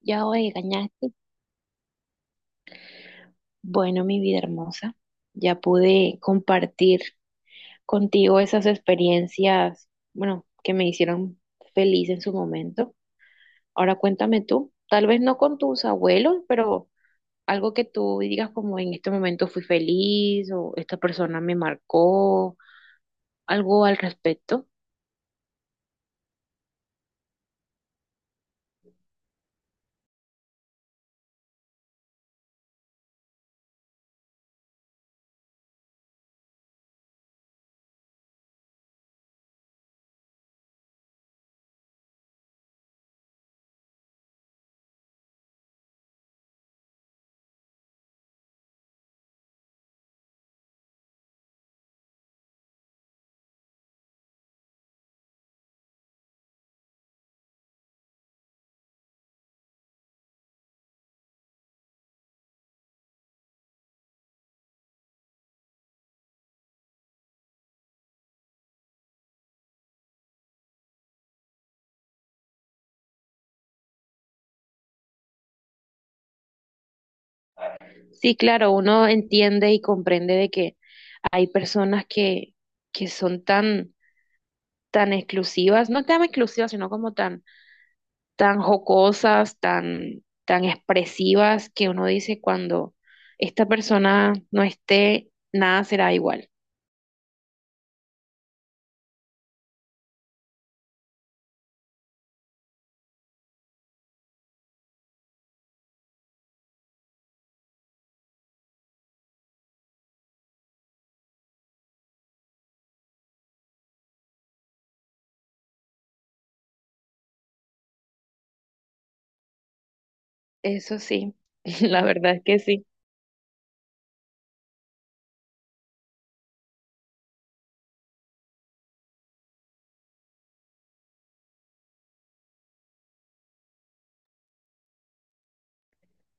Ya hoy ganaste. Bueno, mi vida hermosa, ya pude compartir contigo esas experiencias, bueno, que me hicieron feliz en su momento. Ahora cuéntame tú, tal vez no con tus abuelos, pero algo que tú digas como en este momento fui feliz o esta persona me marcó, algo al respecto. Sí, claro, uno entiende y comprende de que hay personas que son tan, tan exclusivas, no tan exclusivas, sino como tan tan jocosas, tan, tan expresivas, que uno dice cuando esta persona no esté, nada será igual. Eso sí, la verdad es que sí,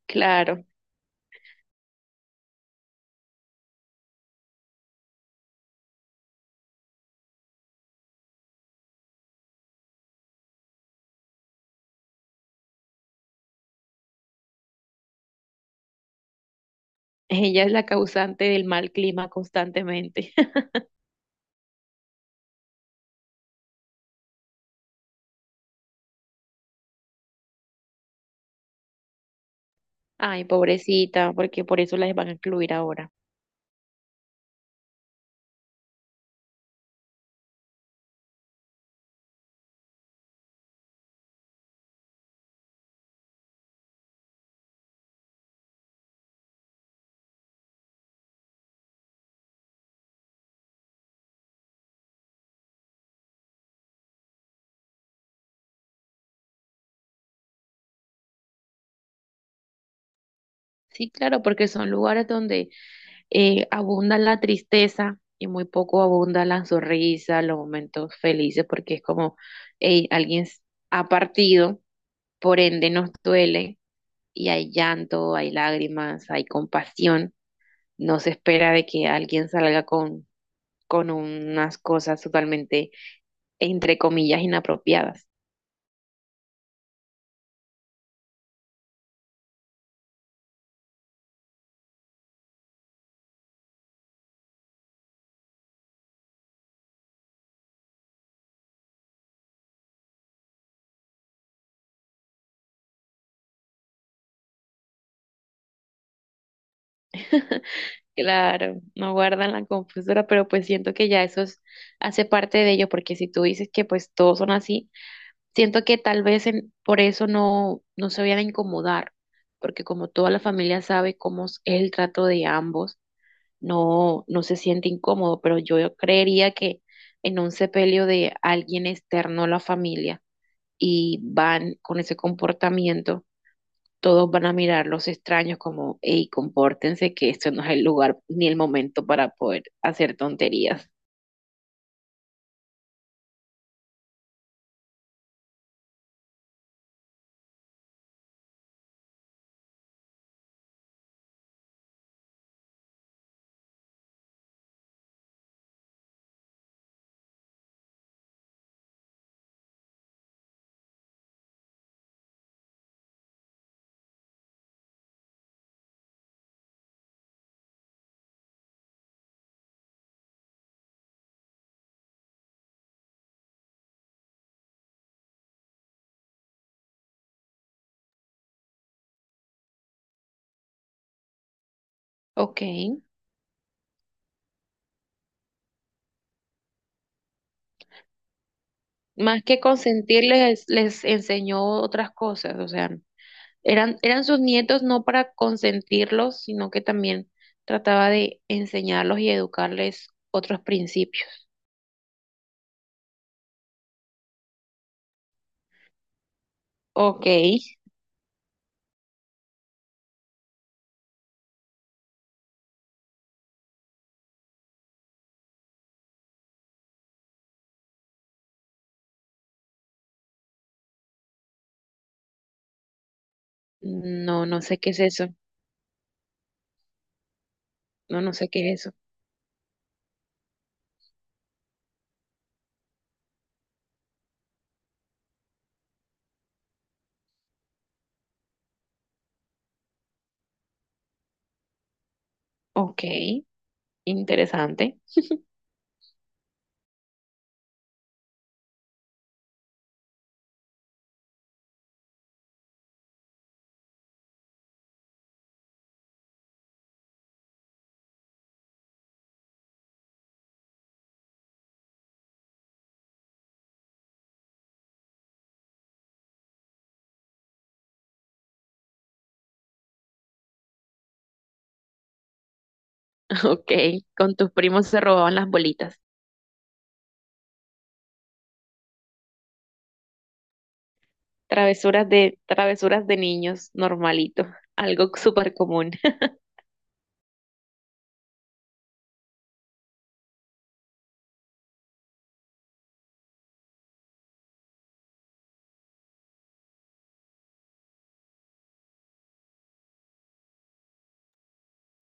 claro. Ella es la causante del mal clima constantemente. Ay, pobrecita, porque por eso las van a incluir ahora. Sí, claro, porque son lugares donde abunda la tristeza y muy poco abunda la sonrisa, los momentos felices, porque es como, hey, ha partido. Por ende, nos duele y hay llanto, hay lágrimas, hay compasión. No se espera de que alguien salga con unas cosas totalmente, entre comillas, inapropiadas. Claro, no guardan la confesora, pero pues siento que ya hace parte de ello, porque si tú dices que pues todos son así, siento que tal vez por eso no, no se vayan a incomodar, porque como toda la familia sabe cómo es el trato de ambos, no, no se siente incómodo, pero yo creería que en un sepelio de alguien externo a la familia y van con ese comportamiento, todos van a mirar los extraños como, hey, compórtense, que esto no es el lugar ni el momento para poder hacer tonterías. Ok, más que consentirles, les enseñó otras cosas, o sea, eran sus nietos no para consentirlos, sino que también trataba de enseñarlos y educarles otros principios. Ok, no, no sé qué es eso, no, no sé qué es eso. Ok, interesante. Ok, con tus primos se robaban las bolitas. Travesuras de niños, normalito, algo súper común.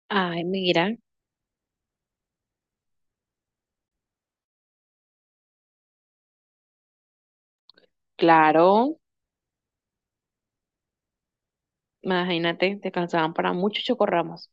Ay, mira, claro, imagínate, te cansaban para muchos chocorramos.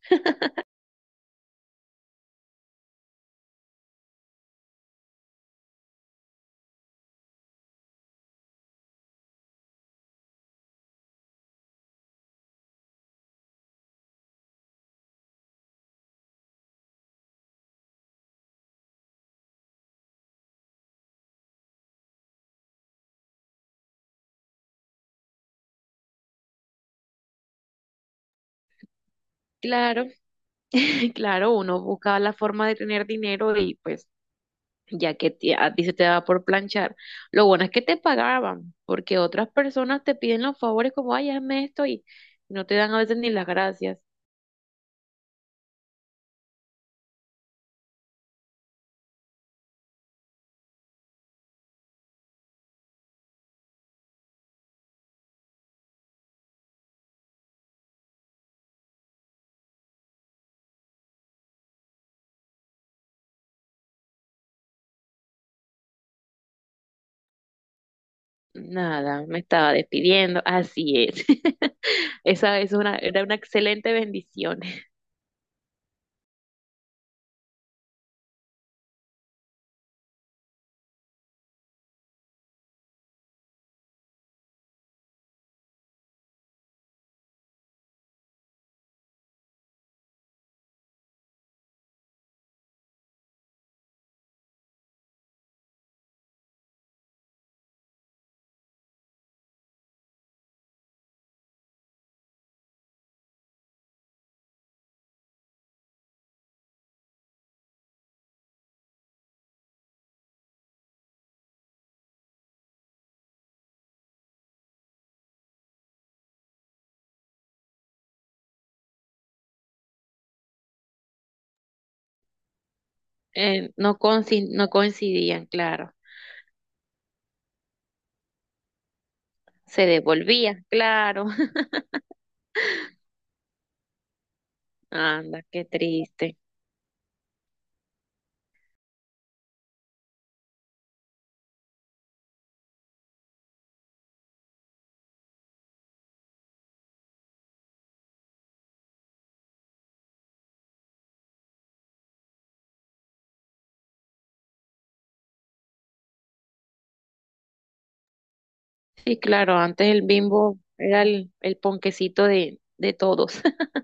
Claro, claro, uno buscaba la forma de tener dinero y pues ya a ti se te daba por planchar. Lo bueno es que te pagaban, porque otras personas te piden los favores como, ay, hazme esto y no te dan a veces ni las gracias. Nada, me estaba despidiendo, así es. Esa es una excelente bendición. No coincidían, claro. Se devolvía, claro. Anda, qué triste. Sí, claro, antes el bimbo era el ponquecito de todos.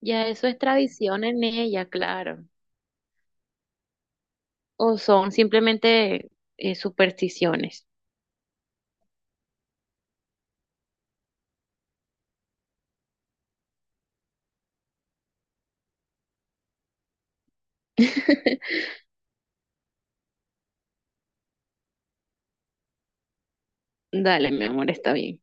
Ya eso es tradición en ella, claro, o son simplemente supersticiones. Dale, mi amor, está bien.